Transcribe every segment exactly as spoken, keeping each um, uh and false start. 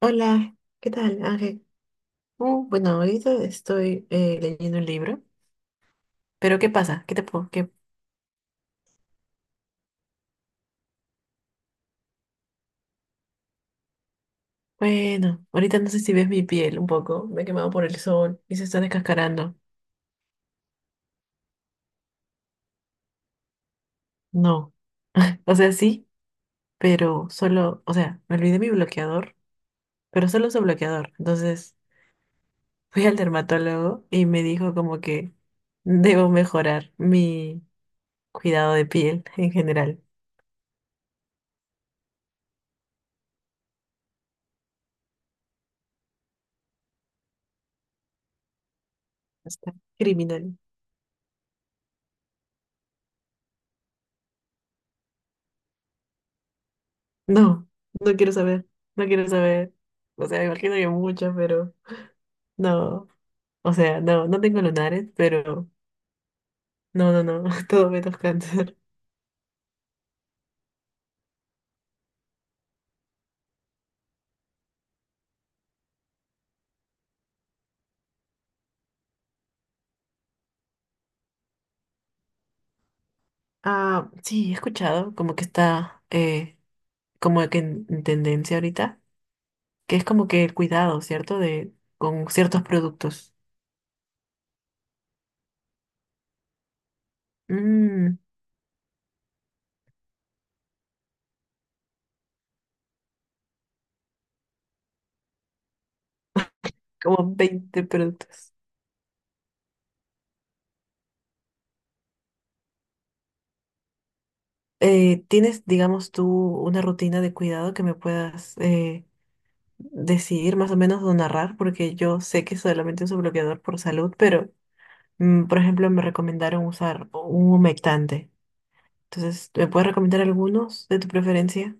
Hola, ¿qué tal, Ángel? Uh, bueno, ahorita estoy eh, leyendo un libro, pero ¿qué pasa? ¿Qué te puedo? qué- Bueno, ahorita no sé si ves mi piel un poco, me he quemado por el sol y se está descascarando. No. O sea, sí, pero solo, o sea, me olvidé mi bloqueador, pero solo su bloqueador. Entonces fui al dermatólogo y me dijo como que debo mejorar mi cuidado de piel en general. Está criminal. No, no quiero saber, no quiero saber. O sea, imagino que muchas, pero no. O sea, no, no tengo lunares, pero no, no, no, todo menos cáncer. Ah, sí, he escuchado como que está, eh, como que en, en tendencia ahorita, que es como que el cuidado, ¿cierto? De, con ciertos productos. Mm, como veinte productos. Eh, ¿tienes, digamos, tú una rutina de cuidado que me puedas, eh, decidir más o menos o narrar, porque yo sé que solamente uso bloqueador por salud, pero mm, por ejemplo me recomendaron usar un humectante. Entonces, ¿me puedes recomendar algunos de tu preferencia?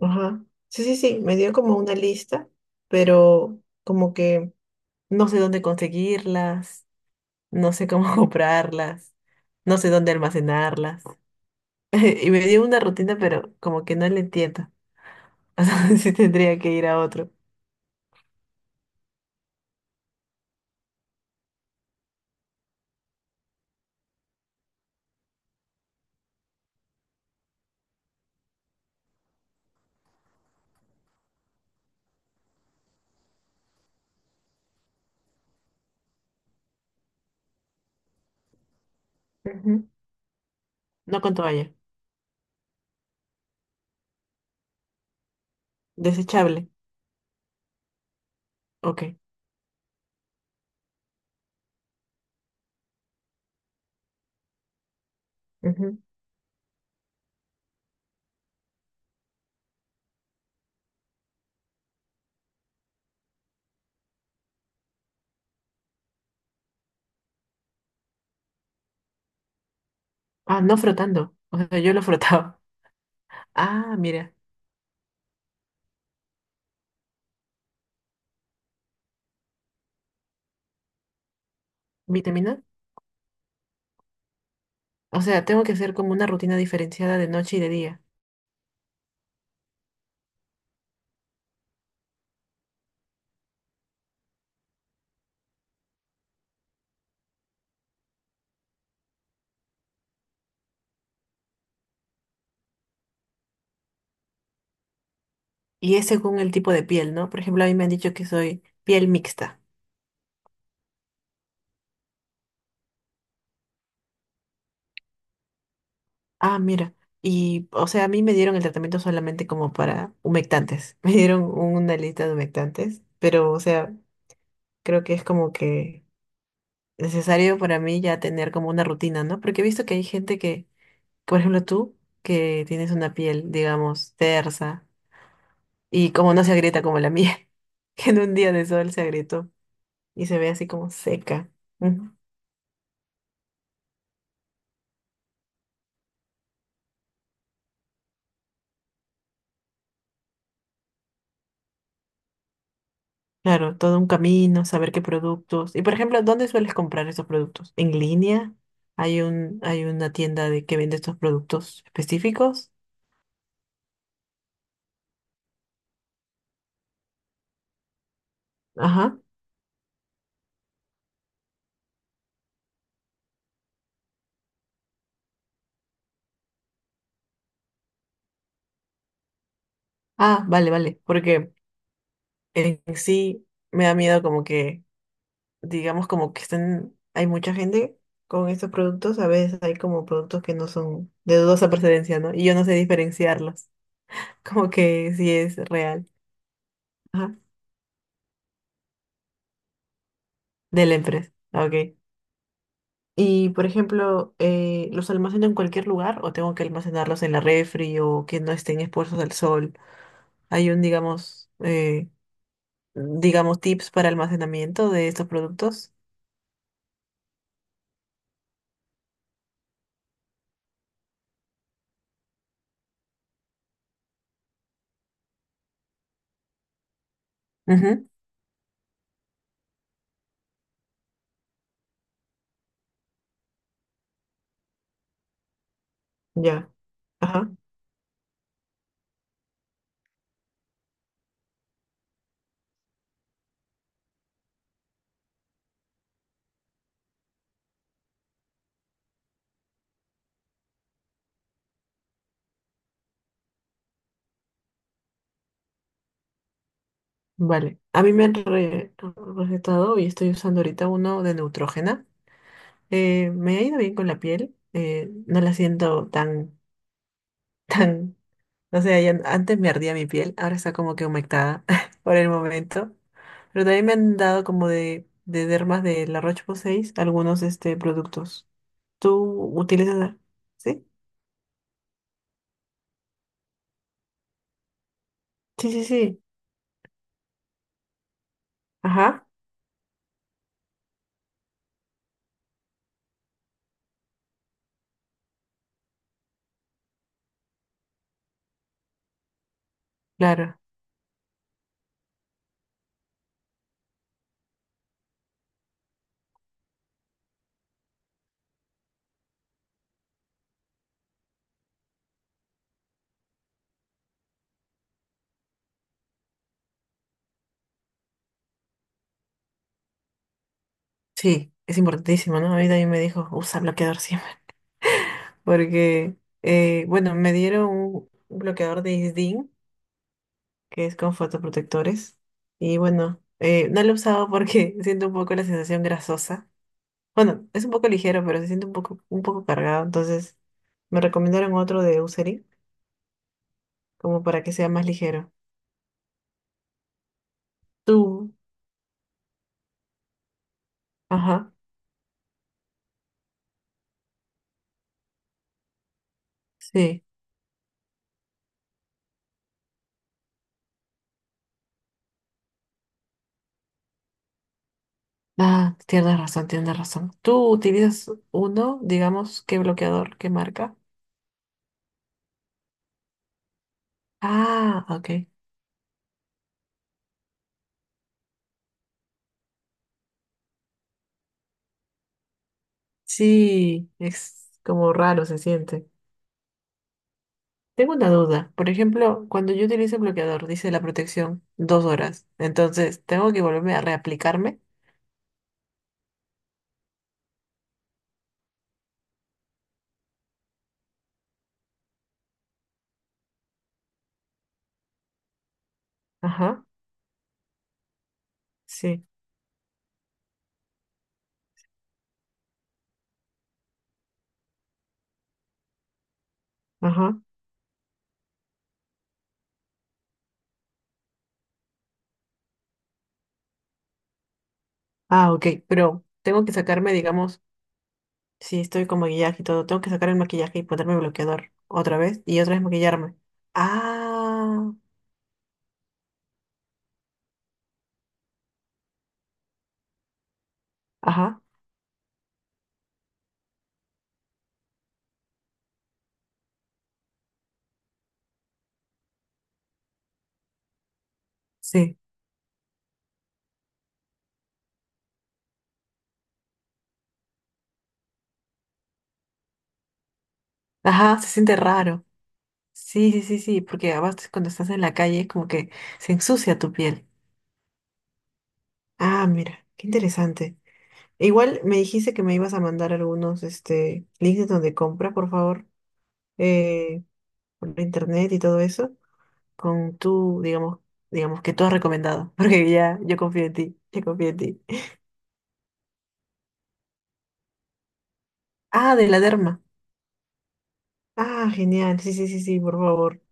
Ajá. Sí, sí, sí, me dio como una lista, pero como que no sé dónde conseguirlas, no sé cómo comprarlas, no sé dónde almacenarlas. Y me dio una rutina, pero como que no le entiendo. O sea, sí tendría que ir a otro. Ujú. No con toalla, desechable. Ok. Ujú. Ah, no frotando. O sea, yo lo frotaba. Ah, mira. ¿Vitamina? O sea, tengo que hacer como una rutina diferenciada de noche y de día. Y es según el tipo de piel, ¿no? Por ejemplo, a mí me han dicho que soy piel mixta. Ah, mira. Y, o sea, a mí me dieron el tratamiento solamente como para humectantes. Me dieron una lista de humectantes. Pero, o sea, creo que es como que necesario para mí ya tener como una rutina, ¿no? Porque he visto que hay gente que, por ejemplo, tú, que tienes una piel, digamos, tersa, y como no se agrieta como la mía, que en un día de sol se agrietó y se ve así como seca. Ujú. Claro, todo un camino, saber qué productos. Y por ejemplo, ¿dónde sueles comprar esos productos? ¿En línea? ¿Hay un, hay una tienda de que vende estos productos específicos? Ajá. Ah, vale, vale. Porque en sí me da miedo como que, digamos, como que están, hay mucha gente con estos productos. A veces hay como productos que no son de dudosa procedencia, ¿no? Y yo no sé diferenciarlos. Como que sí es real. Ajá. De la empresa. Ok. Y, por ejemplo, eh, ¿los almaceno en cualquier lugar o tengo que almacenarlos en la refri o que no estén expuestos al sol? Hay un, digamos, eh, digamos, tips para almacenamiento de estos productos. Ujú. Ya. Ajá. Vale. A mí me han re- recetado y estoy usando ahorita uno de Neutrogena. Eh, me ha ido bien con la piel. eh, no la siento tan, tan. No sé, ya- antes me ardía mi piel, ahora está como que humectada por el momento. Pero también me han dado como de, de dermas de La Roche-Posay algunos, este, productos. ¿Tú utilizas? ¿Sí? Sí, sí, sí. Ajá, claro. Sí, es importantísimo, ¿no? A mí también me dijo, usa bloqueador siempre. Porque, eh, bueno, me dieron un un bloqueador de Isdin, que es con fotoprotectores. Y bueno, eh, no lo he usado porque siento un poco la sensación grasosa. Bueno, es un poco ligero, pero se siente un poco, un poco cargado. Entonces, me recomendaron otro de Eucerin, como para que sea más ligero. Tú, ajá, sí. Ah, tienes razón, tienes razón. Tú utilizas uno, digamos, ¿qué bloqueador, qué marca? Ah, ok. Sí, es como raro se siente. Tengo una duda. Por ejemplo, cuando yo utilizo el bloqueador, dice la protección, dos horas. Entonces, ¿tengo que volverme a reaplicarme? Ajá, sí, ajá. Ah, ok, pero tengo que sacarme, digamos, si estoy con maquillaje y todo, tengo que sacar el maquillaje y ponerme bloqueador otra vez y otra vez maquillarme. Ah, ajá, sí. Ajá, se siente raro. Sí, sí, sí, sí, porque además cuando estás en la calle como que se ensucia tu piel. Ah, mira, qué interesante. Igual me dijiste que me ibas a mandar algunos, este, links de donde compra, por favor, eh, por internet y todo eso. Con tu, digamos, digamos que tú has recomendado, porque ya yo confío en ti, yo confío en ti. Ah, de la derma. Ah, genial, sí, sí, sí, sí, por favor.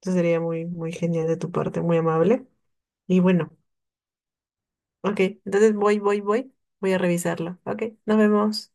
Eso sería muy, muy genial de tu parte, muy amable. Y bueno, ok, entonces voy, voy, voy, voy a revisarlo. Ok, nos vemos.